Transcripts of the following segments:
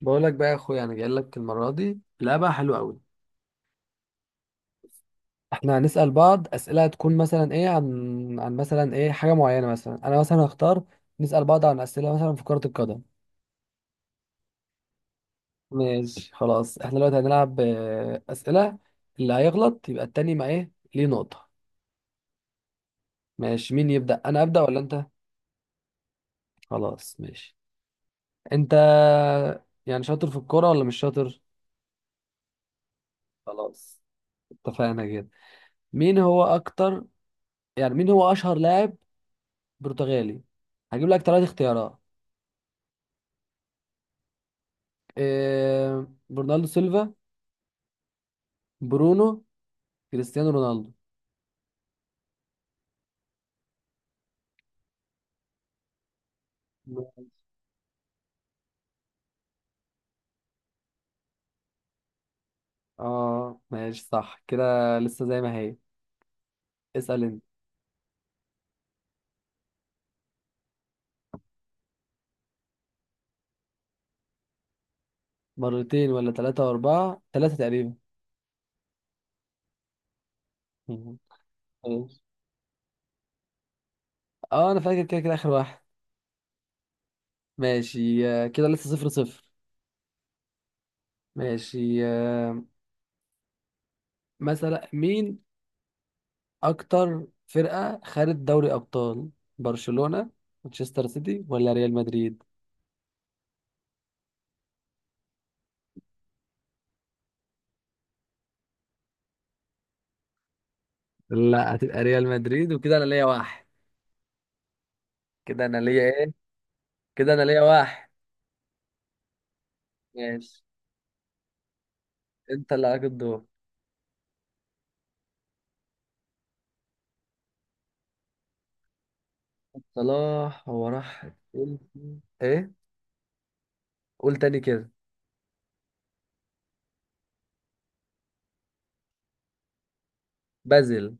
بقول لك بقى يا اخويا، انا جاي لك المره دي لعبه حلوه قوي. احنا هنسال بعض اسئله. هتكون مثلا ايه عن مثلا ايه حاجه معينه. مثلا انا مثلا هختار نسال بعض عن اسئله مثلا في كره القدم. ماشي خلاص، احنا دلوقتي هنلعب اسئله. اللي هيغلط يبقى التاني ما ايه ليه نقطه. ماشي، مين يبدا؟ انا ابدا ولا انت؟ خلاص ماشي. انت يعني شاطر في الكوره ولا مش شاطر؟ خلاص، اتفقنا كده. مين هو اكتر، يعني مين هو اشهر لاعب برتغالي؟ هجيب لك ثلاث اختيارات. برناردو سيلفا، برونو، كريستيانو رونالدو؟ ماشي. اه ماشي صح كده، لسه زي ما هي. اسأل انت. مرتين ولا ثلاثة وأربعة؟ ثلاثة تقريبا. مهم. ماشي. اه انا فاكر كده كده اخر واحد. ماشي كده لسه صفر صفر. ماشي مثلا مين اكتر فرقة خدت دوري ابطال؟ برشلونة، مانشستر سيتي، ولا ريال مدريد؟ لا، هتبقى ريال مدريد. وكده انا ليا واحد. كده انا ليا ايه؟ كده انا ليا واحد. ماشي، انت اللي عليك الدور. صلاح هو راح تشيلسي. ايه، قول تاني كده. بازل.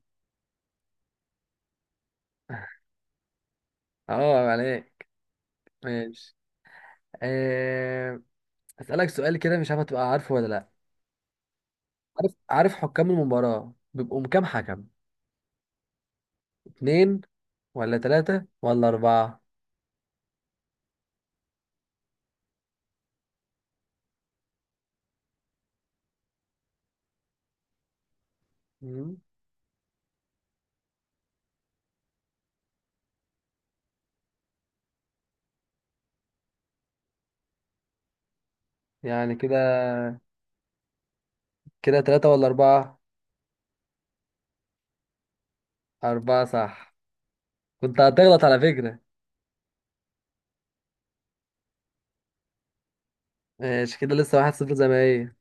اه عليك. ماشي آه... اسالك سؤال كده، مش عارف هتبقى عارفه ولا لا. عارف حكام المباراة بيبقوا كام حكم؟ اتنين ولا تلاتة ولا أربعة؟ مم. يعني كده، كده تلاتة ولا أربعة؟ أربعة صح. كنت هتغلط على فكرة. ماشي، كده لسه واحد صفر زي ما هي.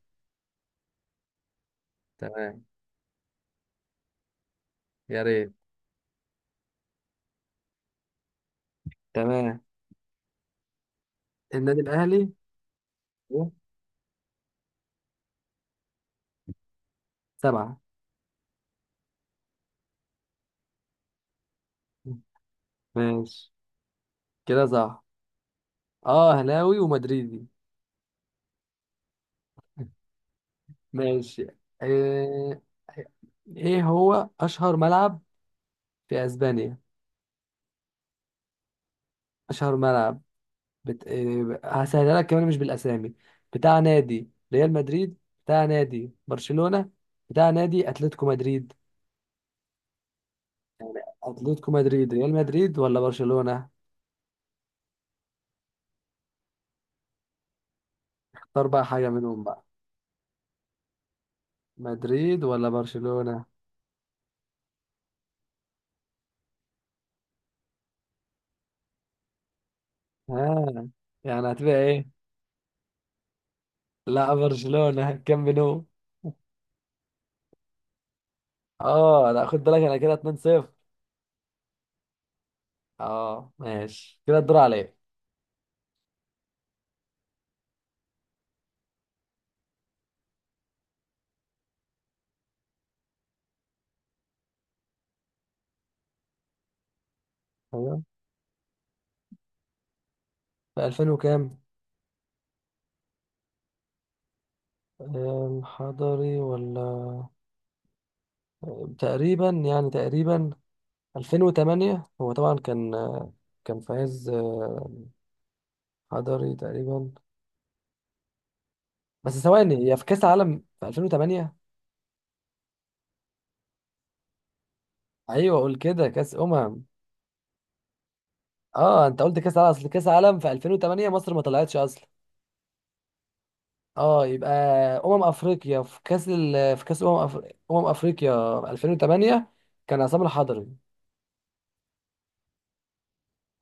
تمام، يا ريت. تمام. النادي الاهلي؟ سبعة. ماشي، كده صح. اه اهلاوي ومدريدي. ماشي آه، ايه هو اشهر ملعب في اسبانيا؟ اشهر ملعب بت... آه، هسهلها لك كمان مش بالاسامي. بتاع نادي ريال مدريد، بتاع نادي برشلونة، بتاع نادي اتلتيكو مدريد؟ اتلتيكو مدريد، ريال مدريد، ولا برشلونة؟ اختار بقى حاجة منهم بقى. مدريد ولا برشلونة؟ ها، يعني هتبقى ايه؟ لا، برشلونة كامب نو. اه لا، خد بالك، انا كده 2-0. اه ماشي، كده الدور عليا. ايوه. في 2000 وكام؟ حضري ولا؟ تقريبا يعني تقريبا. 2008 هو طبعا كان، كان فايز حضري تقريبا. بس ثواني، هي في كاس عالم في 2008؟ ايوه قول كده، كاس امم. اه انت قلت كاس عالم، اصل كاس عالم في 2008 مصر ما طلعتش اصلا. اه، يبقى افريقيا في في كاس افريقيا 2008 كان عصام الحضري.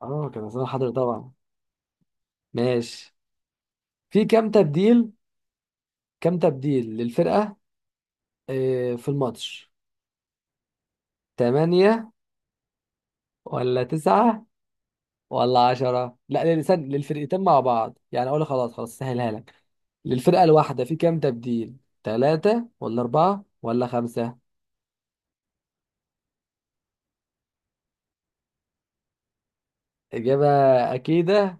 اه كان عصام الحضري طبعا. ماشي. في كام تبديل؟ كام تبديل للفرقة في الماتش؟ 8 ولا 9 ولا 10؟ لا للفرقتين مع بعض يعني. اقول خلاص، سهلها لك. للفرقة الواحدة في كام تبديل؟ 3 ولا 4 ولا 5؟ إجابة أكيدة؟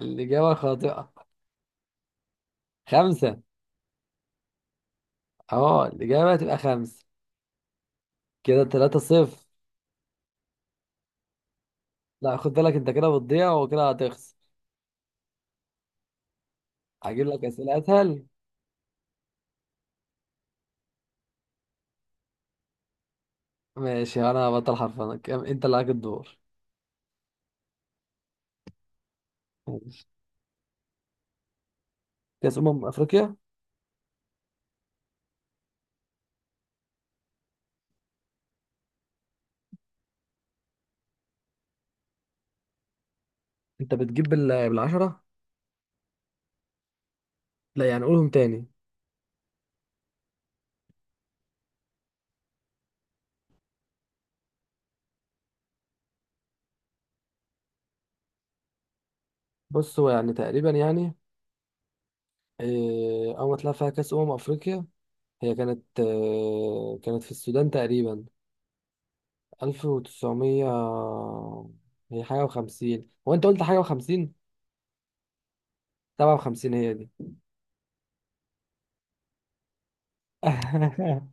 الإجابة خاطئة. خمسة. اه الإجابة تبقى خمسة. كده تلاتة صفر. لا خد بالك، أنت كده بتضيع وكده هتخسر. هجيب لك أسئلة أسهل. ماشي أنا هبطل حرفنك. أنت اللي عليك الدور. ماشي. كأس أمم أفريقيا. أنت بتجيب بالعشرة. لا يعني، قولهم تاني. بص، هو يعني تقريبا يعني أول ما طلع فيها كأس أمم أفريقيا هي كانت كانت في السودان تقريبا. 1900، هي حاجة وخمسين. هو أنت قلت حاجة وخمسين. 57 هي دي.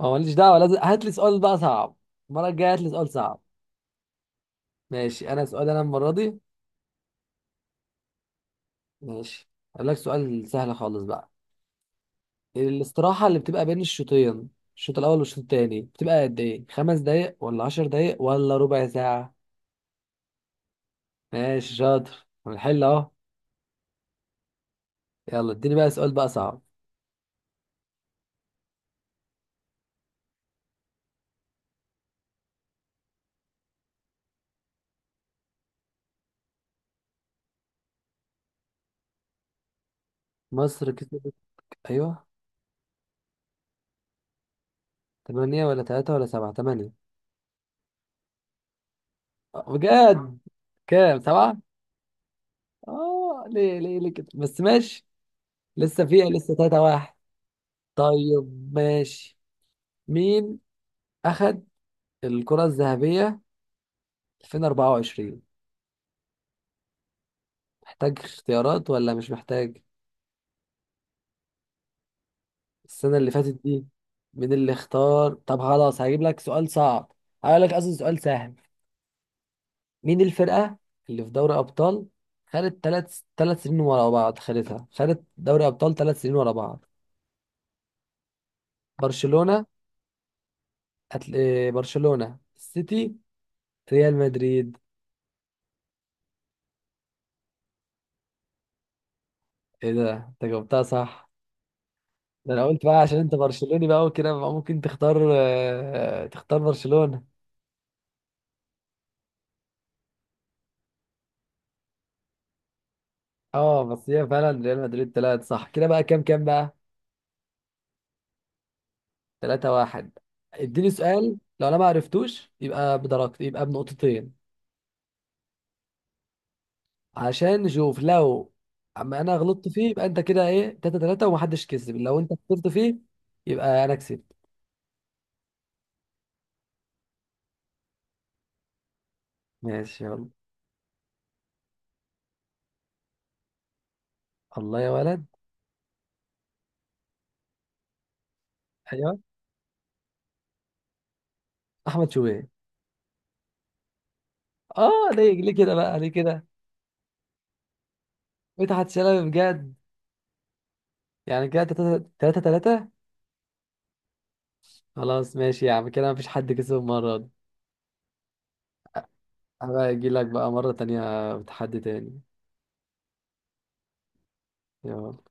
هو ماليش دعوه، لازم هات لي سؤال بقى صعب. المره الجايه هات لي سؤال صعب. ماشي انا سؤال انا المره دي. ماشي، اقول لك سؤال سهل خالص بقى. الاستراحه اللي بتبقى بين الشوطين، الشوط الاول والشوط التاني، بتبقى قد ايه؟ خمس دقايق ولا عشر دقايق ولا ربع ساعه؟ ماشي شاطر، هنحل اهو. يلا اديني بقى سؤال بقى صعب. مصر كسبت؟ ايوه. 8 ولا 3 ولا 7؟ 8. بجد؟ كام؟ 7. اه ليه ليه ليه كده بس، ماشي. لسه فيها، لسه 3 1. طيب ماشي. مين أخد الكرة الذهبية 2024؟ محتاج اختيارات ولا مش محتاج؟ السنة اللي فاتت دي. مين اللي اختار؟ طب خلاص هجيب لك سؤال صعب. هقول لك، قصدي سؤال سهل. مين الفرقة اللي في دوري أبطال خدت ثلاث سنين ورا بعض؟ خدتها، خدت دوري أبطال ثلاث سنين ورا بعض. برشلونة، أتل... إيه، برشلونة، السيتي، ريال مدريد؟ ايه ده، انت جاوبتها صح. ده انا قلت بقى عشان انت برشلوني بقى، وكده بقى ممكن تختار تختار برشلونة. اه بس هي فعلا ريال مدريد طلعت صح. كده بقى كام كام بقى؟ 3 1. اديني سؤال، لو انا ما عرفتوش يبقى بدرجتي، يبقى بنقطتين، عشان نشوف. لو اما انا غلطت فيه يبقى انت كده ايه 3 3، ومحدش كسب. لو انت خسرت فيه يبقى انا كسبت. ماشي يلا. الله يا ولد. ايوه. احمد شوبير. اه ليه ليه كده بقى، ليه كده؟ مدحت شلبي؟ بجد؟ يعني كده 3 3. خلاص ماشي يا عم، كده مفيش حد كسب المرة دي. هبقى اجي لك بقى مرة تانية بتحدي تاني. يلا.